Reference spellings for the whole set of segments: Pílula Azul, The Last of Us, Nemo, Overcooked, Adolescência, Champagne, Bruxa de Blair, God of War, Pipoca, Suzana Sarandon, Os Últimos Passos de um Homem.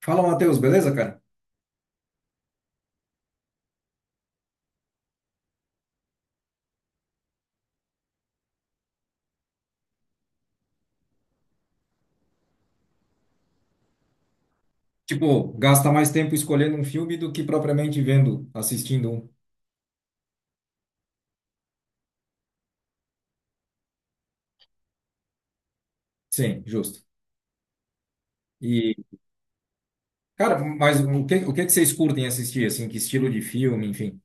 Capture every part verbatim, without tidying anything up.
Fala, Matheus, beleza, cara? Tipo, gasta mais tempo escolhendo um filme do que propriamente vendo, assistindo um. Sim, justo. E, cara, mas o que, o que que vocês curtem assistir, assim, que estilo de filme, enfim?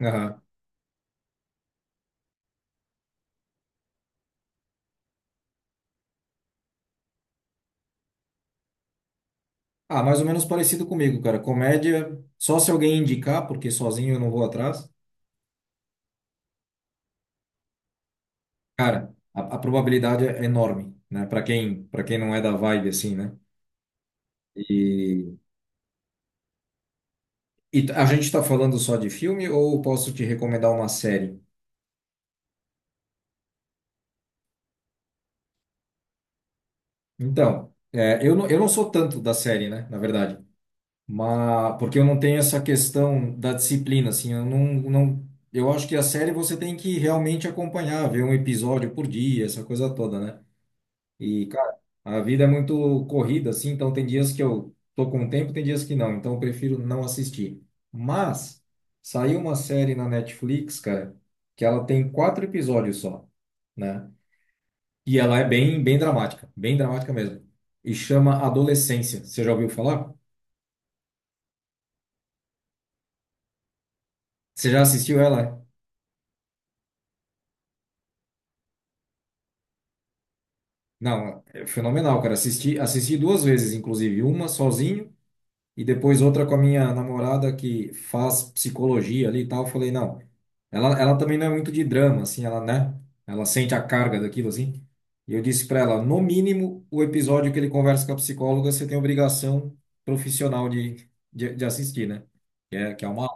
Aham. Ah, mais ou menos parecido comigo, cara. Comédia, só se alguém indicar, porque sozinho eu não vou atrás. Cara, a, a probabilidade é enorme, né? Pra quem, para quem não é da vibe, assim, né? E, e a gente tá falando só de filme ou posso te recomendar uma série? Então, é, eu não, eu não sou tanto da série, né, na verdade. Mas porque eu não tenho essa questão da disciplina, assim, eu não, não, eu acho que a série você tem que realmente acompanhar, ver um episódio por dia, essa coisa toda, né? E, cara, a vida é muito corrida, assim, então tem dias que eu tô com tempo, tem dias que não, então eu prefiro não assistir. Mas saiu uma série na Netflix, cara, que ela tem quatro episódios só, né? E ela é bem, bem dramática, bem dramática mesmo. E chama Adolescência. Você já ouviu falar? Você já assistiu ela? Não, é fenomenal, cara. Assisti, assisti duas vezes, inclusive, uma sozinho e depois outra com a minha namorada que faz psicologia ali e tal. Eu falei, não, ela, ela também não é muito de drama, assim, ela, né? Ela sente a carga daquilo, assim. E eu disse pra ela, no mínimo, o episódio que ele conversa com a psicóloga, você tem obrigação profissional de, de, de assistir, né? Que é, que é uma...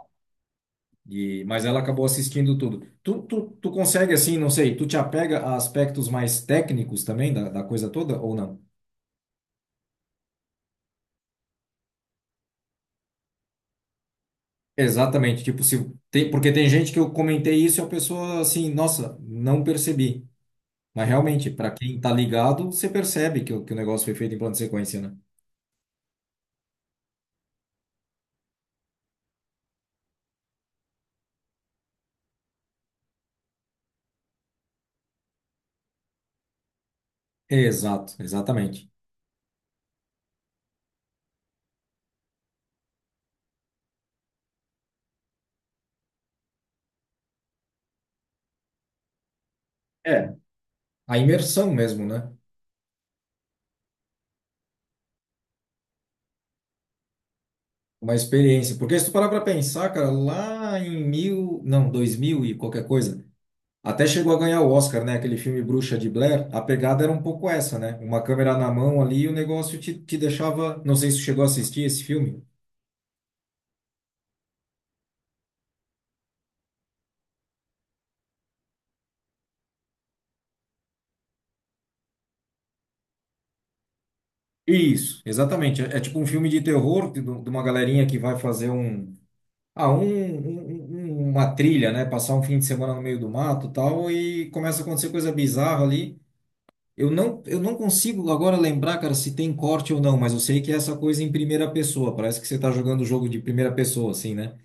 E, mas ela acabou assistindo tudo. Tu, tu, tu consegue, assim, não sei, tu te apega a aspectos mais técnicos também da, da coisa toda ou não? Exatamente, tipo, se tem, porque tem gente que eu comentei isso e a pessoa assim, nossa, não percebi. Mas realmente, para quem tá ligado, você percebe que, o- que o negócio foi feito em plano de sequência, né? Exato, exatamente. É, a imersão mesmo, né? Uma experiência. Porque se tu parar para pensar, cara, lá em mil, não, dois mil e qualquer coisa. Até chegou a ganhar o Oscar, né? Aquele filme Bruxa de Blair. A pegada era um pouco essa, né? Uma câmera na mão ali e o negócio te, te deixava. Não sei se você chegou a assistir esse filme. Isso, exatamente. É, é tipo um filme de terror de, de uma galerinha que vai fazer um... Ah, um, um- um- uma trilha, né? Passar um fim de semana no meio do mato e tal. E começa a acontecer coisa bizarra ali. Eu não, eu não consigo agora lembrar, cara, se tem corte ou não, mas eu sei que é essa coisa em primeira pessoa. Parece que você tá jogando o jogo de primeira pessoa, assim, né?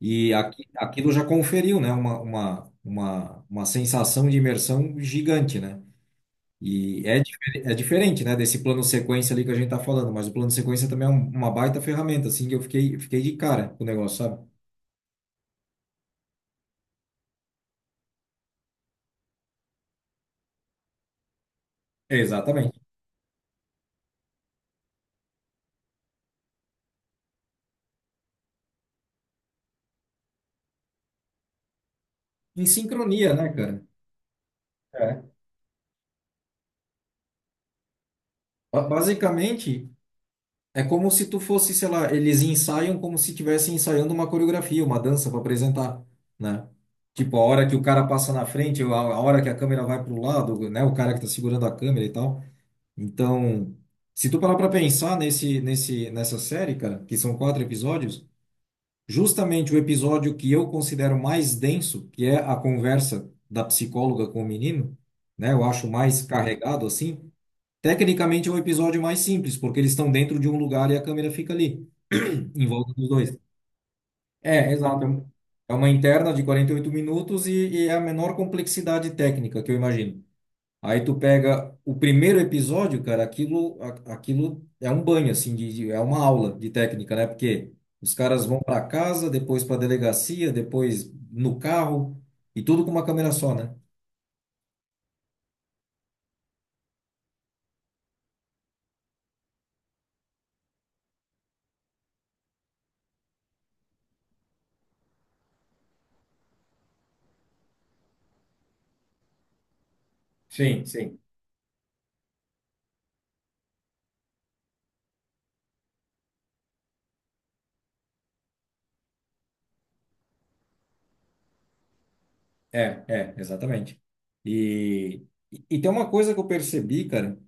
E aqui, aquilo já conferiu, né? Uma, uma, uma, uma sensação de imersão gigante, né? E é, difer- é diferente, né? Desse plano sequência ali que a gente tá falando, mas o plano sequência também é um- uma baita ferramenta, assim, que eu fiquei, fiquei de cara com o negócio, sabe? Exatamente. Em sincronia, né, cara? É. Ba- Basicamente, é como se tu fosse, sei lá, eles ensaiam como se estivessem ensaiando uma coreografia, uma dança para apresentar, né? Tipo, a hora que o cara passa na frente, a a hora que a câmera vai para o lado, né? O cara que tá segurando a câmera e tal. Então, se tu parar para pensar nesse, nesse, nessa série, cara, que são quatro episódios, justamente o episódio que eu considero mais denso, que é a conversa da psicóloga com o menino, né? Eu acho mais carregado assim. Tecnicamente é um episódio mais simples, porque eles estão dentro de um lugar e a câmera fica ali, em volta dos dois. É, exato. É um- é uma interna de quarenta e oito minutos e, e é a menor complexidade técnica que eu imagino. Aí tu pega o primeiro episódio, cara, aquilo, a- aquilo é um banho, assim, de, de- é uma aula de técnica, né? Porque os caras vão para casa, depois para delegacia, depois no carro, e tudo com uma câmera só, né? Sim, sim. É, é, exatamente. E, e tem uma coisa que eu percebi, cara,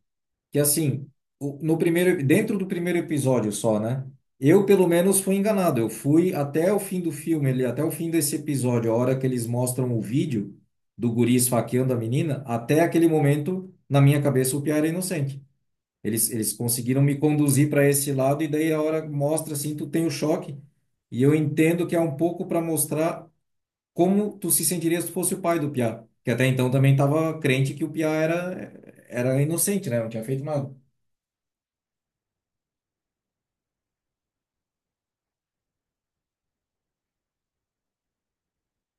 que assim, o- no primeiro, dentro do primeiro episódio só, né? Eu, pelo menos, fui enganado. Eu fui até o fim do filme, ali, até o fim desse episódio, a hora que eles mostram o vídeo do guri esfaqueando a menina, até aquele momento, na minha cabeça, o Piá era inocente. Eles, eles conseguiram me conduzir para esse lado, e daí a hora mostra assim, tu tem o choque. E eu entendo que é um pouco para mostrar como tu se sentirias se tu fosse o pai do Piá? Que até então também estava crente que o Piá era, era inocente, né? Não tinha feito nada.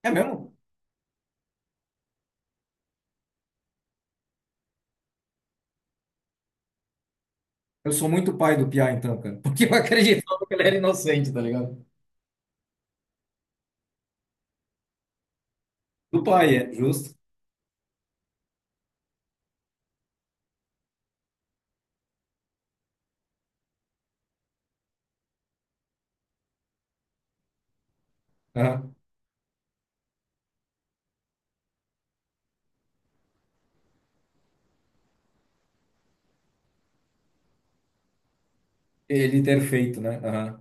É mesmo? Eu sou muito pai do Piá, então, cara. Porque eu acreditava que ele era inocente, tá ligado? Do pai, é, justo. Aham. Ele ter feito, né? Aham.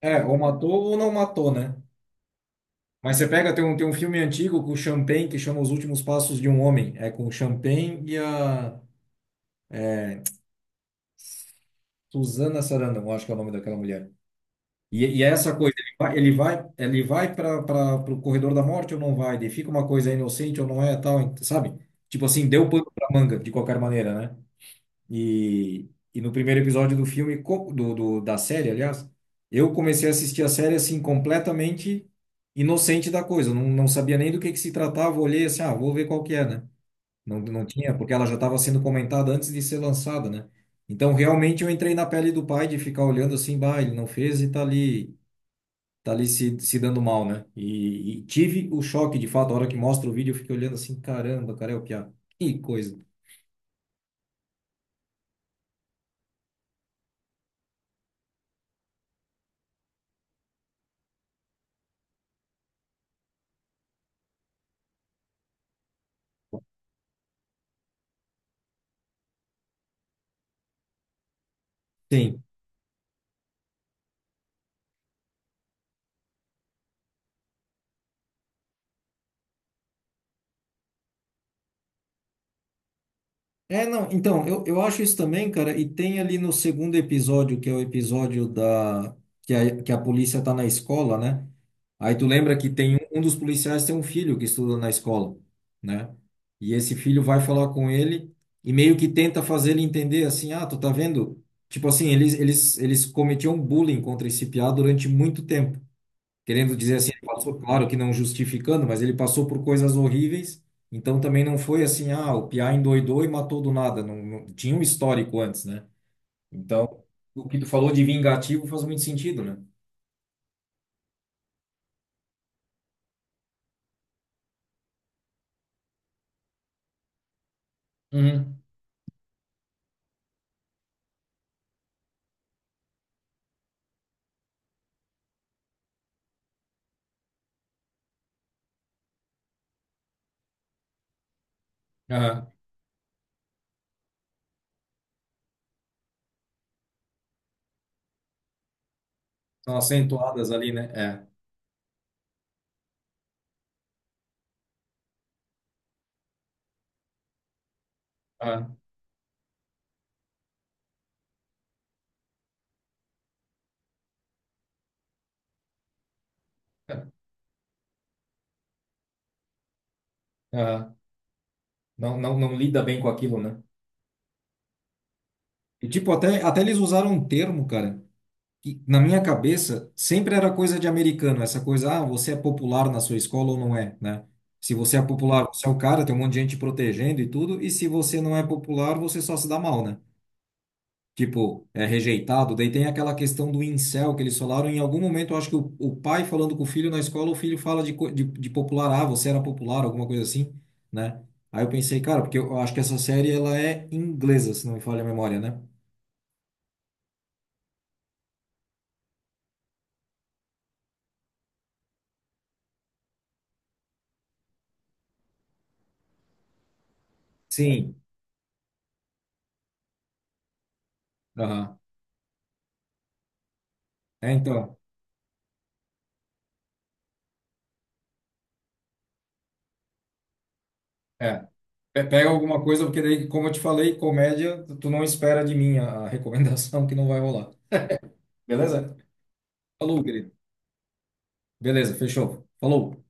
É, ou matou ou não matou, né? Mas você pega, tem um, tem um filme antigo com o Champagne que chama Os Últimos Passos de um Homem. É com o Champagne e a Suzana Sarandon, eu acho que é o nome daquela mulher. E, e é essa coisa, ele vai, ele vai, ele vai para o corredor da morte ou não vai? Ele fica uma coisa inocente ou não é, tal, sabe? Tipo assim, deu pano pra manga, de qualquer maneira, né? E, e no primeiro episódio do filme, co- do, do- da série, aliás, eu comecei a assistir a série assim, completamente inocente da coisa. Não, não sabia nem do que, que se tratava, olhei assim, ah, vou ver qual que é, né? Não, não tinha, porque ela já estava sendo comentada antes de ser lançada, né? Então, realmente, eu entrei na pele do pai de ficar olhando assim, bah, ele não fez e tá ali tá ali se, se dando mal, né? E, e tive o choque, de fato, a hora que mostra o vídeo, eu fiquei olhando assim, caramba, cara, é o Piá. Que coisa. Sim. É, não, então, eu, eu acho isso também, cara, e tem ali no segundo episódio, que é o episódio da... que a, que a polícia tá na escola, né? Aí tu lembra que tem um, um dos policiais tem um filho que estuda na escola, né? E esse filho vai falar com ele e meio que tenta fazer ele entender assim, ah, tu tá vendo? Tipo assim, eles, eles, eles cometiam bullying contra esse piá durante muito tempo. Querendo dizer assim, ele passou, claro que não justificando, mas ele passou por coisas horríveis, então também não foi assim, ah, o Piá endoidou e matou do nada, não, não- tinha um histórico antes, né? Então, o que tu falou de vingativo faz muito sentido, né? Uhum. Aham. São acentuadas ali, né? É. Aham. Aham. Não, não, não lida bem com aquilo, né? E tipo, até, até eles usaram um termo, cara, que, na minha cabeça, sempre era coisa de americano, essa coisa, ah, você é popular na sua escola ou não é, né? Se você é popular, você é o cara, tem um monte de gente te protegendo e tudo, e se você não é popular, você só se dá mal, né? Tipo, é rejeitado. Daí tem aquela questão do incel que eles falaram. Em algum momento, eu acho que o, o pai falando com o filho na escola, o filho fala de, co- de, de popular, ah, você era popular, alguma coisa assim, né? Aí eu pensei, cara, porque eu acho que essa série ela é inglesa, se não me falha a memória, né? Sim. Aham. É, então. É. Pe- Pega alguma coisa, porque daí, como eu te falei, comédia, tu tu não espera de mim a recomendação que não vai rolar. Beleza? Falou, querido. Beleza, fechou. Falou.